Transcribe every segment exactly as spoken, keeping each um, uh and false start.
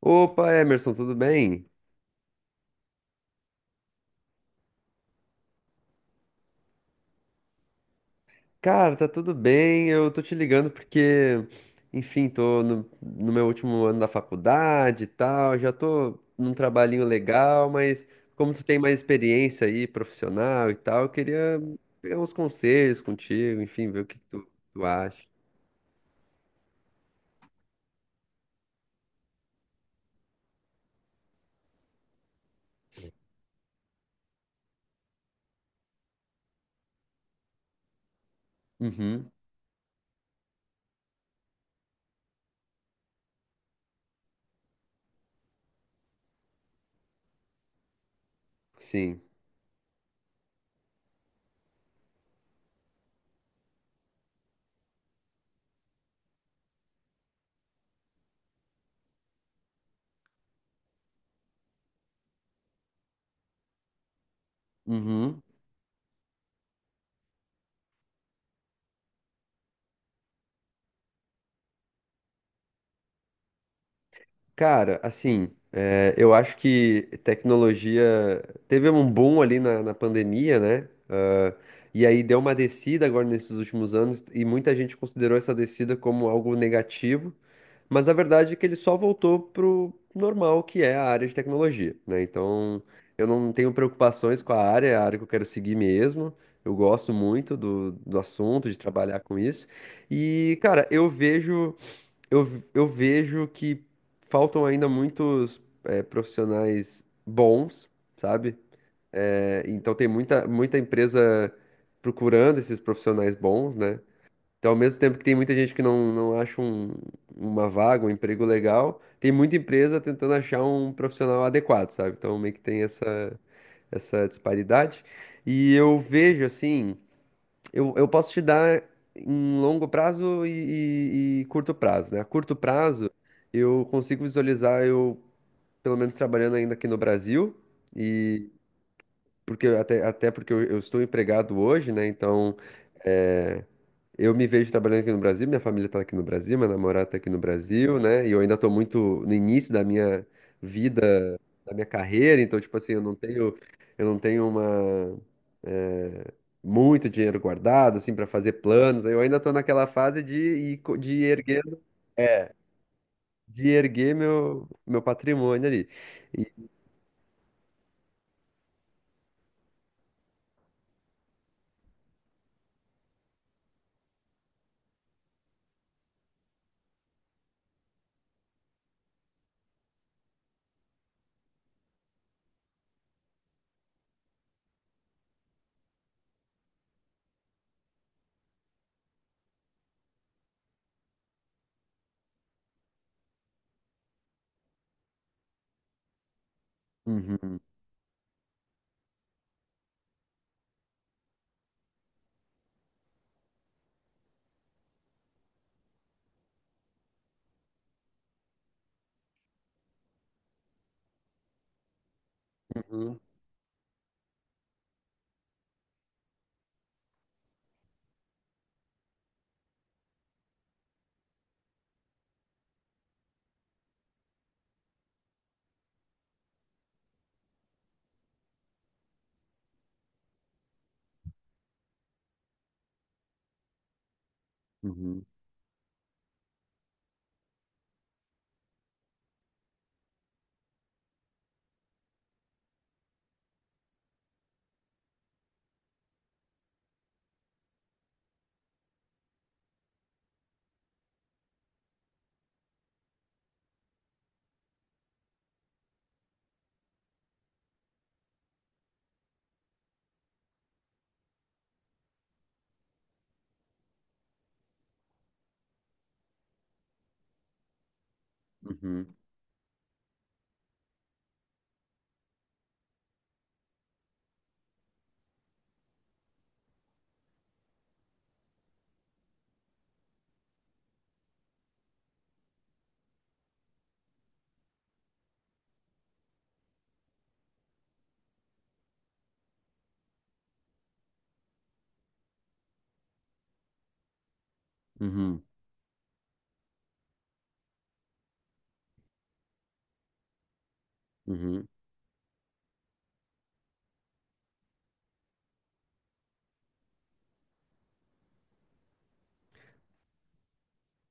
Opa, Emerson, tudo bem? Cara, tá tudo bem. Eu tô te ligando porque, enfim, tô no, no meu último ano da faculdade e tal. Já tô num trabalhinho legal, mas como tu tem mais experiência aí, profissional e tal, eu queria pegar uns conselhos contigo, enfim, ver o que que tu, tu acha. Uhum, sim. Uhum. Cara, assim, é, eu acho que tecnologia teve um boom ali na, na pandemia, né? Ah, e aí deu uma descida agora nesses últimos anos, e muita gente considerou essa descida como algo negativo, mas a verdade é que ele só voltou pro normal, que é a área de tecnologia, né? Então, eu não tenho preocupações com a área, é a área que eu quero seguir mesmo. Eu gosto muito do, do assunto, de trabalhar com isso. E, cara, eu vejo eu, eu vejo que faltam ainda muitos é, profissionais bons, sabe? É, então tem muita, muita empresa procurando esses profissionais bons, né? Então, ao mesmo tempo que tem muita gente que não, não acha um- uma vaga, um emprego legal, tem muita empresa tentando achar um profissional adequado, sabe? Então, meio que tem essa, essa disparidade. E eu vejo, assim. Eu, eu posso te dar em longo prazo e, e- e curto prazo, né? A curto prazo, eu consigo visualizar eu, pelo menos, trabalhando ainda aqui no Brasil, e porque até, até porque eu, eu estou empregado hoje, né? Então. eh, eu me vejo trabalhando aqui no Brasil, minha família está aqui no Brasil, minha namorada está aqui no Brasil, né? E eu ainda estou muito no início da minha vida, da minha carreira, então, tipo assim, eu não tenho, eu não tenho uma, eh, muito dinheiro guardado, assim, para fazer planos. Eu ainda estou naquela fase de ir, co- de ir erguendo, é, de erguer meu, meu patrimônio ali. E- Uhum, uhum, uhum, uhum, uhum, uhum.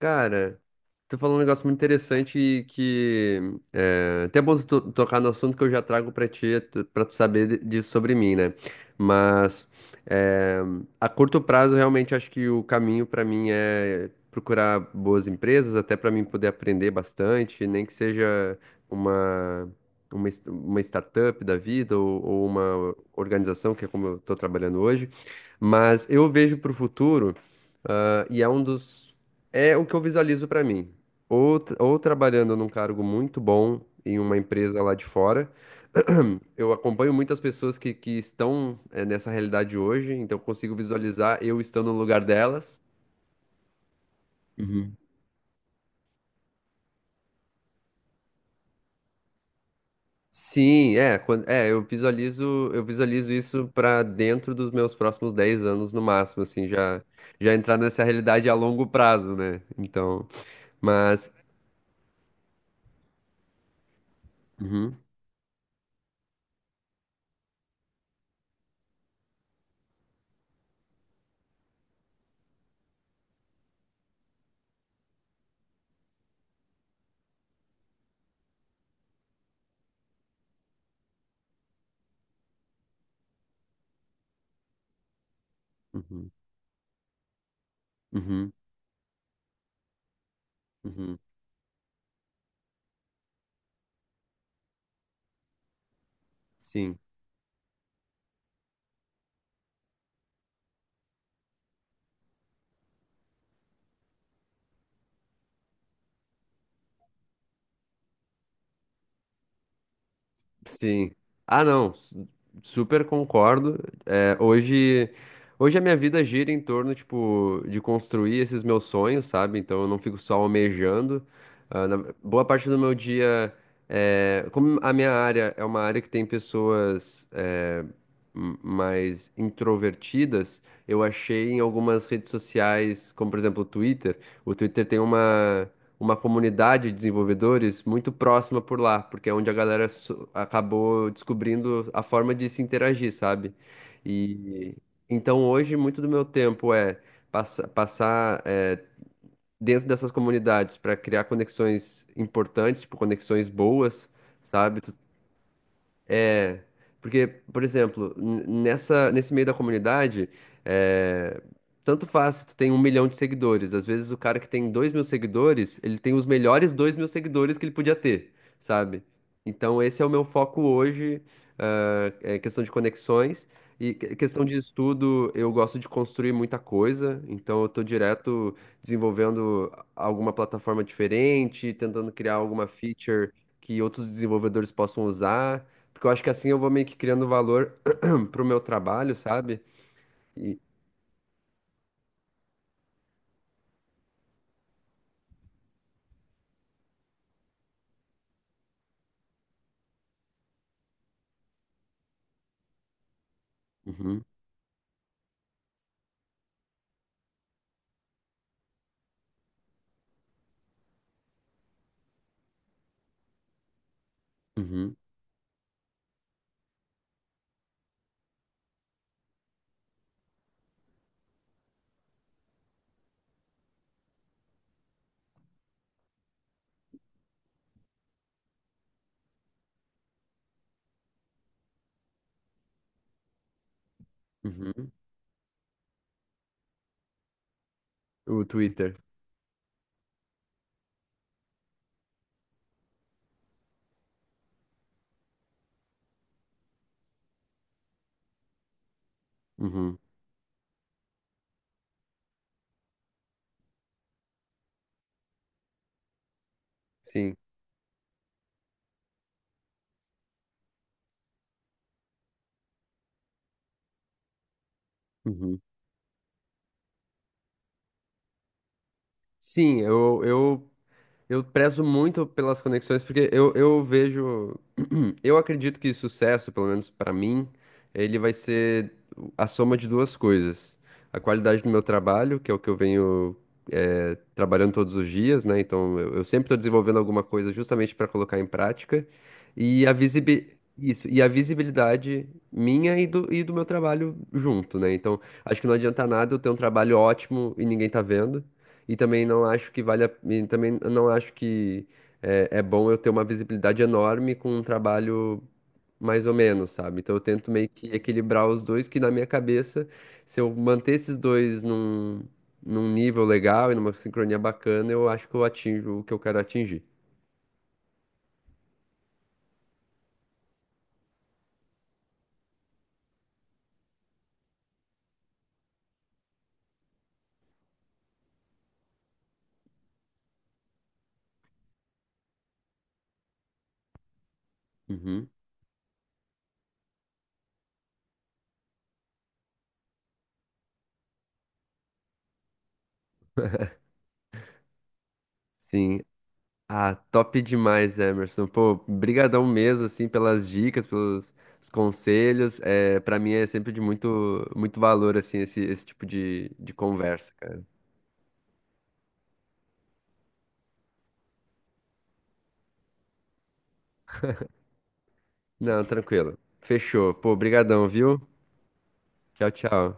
Cara, tu falou um negócio muito interessante e que é, até é bom tu tocar no assunto que eu já trago pra ti, tu- pra tu saber de- disso sobre mim, né? Mas é, a curto prazo, realmente acho que o caminho pra mim é procurar boas empresas, até pra mim poder aprender bastante, nem que seja uma uma, es- uma startup da vida ou, ou uma organização, que é como eu tô trabalhando hoje. Mas eu vejo pro futuro. Ah, e é um dos. É o que eu visualizo pra mim. Ou, t- ou trabalhando num cargo muito bom em uma empresa lá de fora. Eu acompanho muitas pessoas que, que estão eh, nessa realidade hoje, então eu consigo visualizar eu estando no lugar delas. Uhum. Sim, é, quando, é, eu visualizo, eu visualizo isso pra dentro dos meus próximos dez anos no máximo, assim, já já entrar nessa realidade a longo prazo, né? Então, mas uhum, uhum, uhum, uhum, sim. Sim. Ah, não. su- Super concordo. É, hoje, hoje a minha vida gira em torno, tipo, de construir esses meus sonhos, sabe? Então eu não fico só almejando. Ah, na- boa parte do meu dia, é, como a minha área é uma área que tem pessoas, é, m- mais introvertidas, eu achei em algumas redes sociais, como por exemplo o Twitter. O Twitter tem uma uma comunidade de desenvolvedores muito próxima por lá, porque é onde a galera so- acabou descobrindo a forma de se interagir, sabe? E então hoje muito do meu tempo é passa- passar eh, dentro dessas comunidades para criar conexões importantes, tipo conexões boas, sabe? Tu é, porque, por exemplo, n- nessa, nesse meio da comunidade, é, tanto faz se tu tem um milhão de seguidores. Às vezes o cara que tem dois mil seguidores, ele tem os melhores dois mil seguidores que ele podia ter, sabe? Então esse é o meu foco hoje, ah, é questão de conexões. E que- questão de estudo, eu gosto de construir muita coisa, então eu tô direto desenvolvendo alguma plataforma diferente, tentando criar alguma feature que outros desenvolvedores possam usar. Porque eu acho que assim eu vou meio que criando valor pro meu trabalho, sabe? E... Uhum, uhum, uhum. O Twitter. Uhum, sim. Uhum. Sim. Eu, eu Eu prezo muito pelas conexões, porque eu, eu vejo. Eu acredito que sucesso, pelo menos para mim, ele vai ser a soma de duas coisas. A qualidade do meu trabalho, que é o que eu venho eh, trabalhando todos os dias, né? Então eu, eu sempre estou desenvolvendo alguma coisa justamente para colocar em prática. E a visibi- Isso, e a visibilidade minha e do, e do meu trabalho junto, né? Então, acho que não adianta nada eu ter um trabalho ótimo e ninguém tá vendo. E também não acho que vale a, e também não acho que é, é bom eu ter uma visibilidade enorme com um trabalho mais ou menos, sabe? Então eu tento meio que equilibrar os dois, que na minha cabeça, se eu manter esses dois num, num nível legal e numa sincronia bacana, eu acho que eu atinjo o que eu quero atingir. Uhum. Sim. Ah, top demais, Emerson. Pô, brigadão mesmo, assim, pelas dicas, pelos os conselhos. É, para mim é sempre de muito, muito valor, assim, esse, esse tipo de, de conversa, cara. Não, tranquilo. Fechou. Pô, brigadão, viu? Tchau, tchau.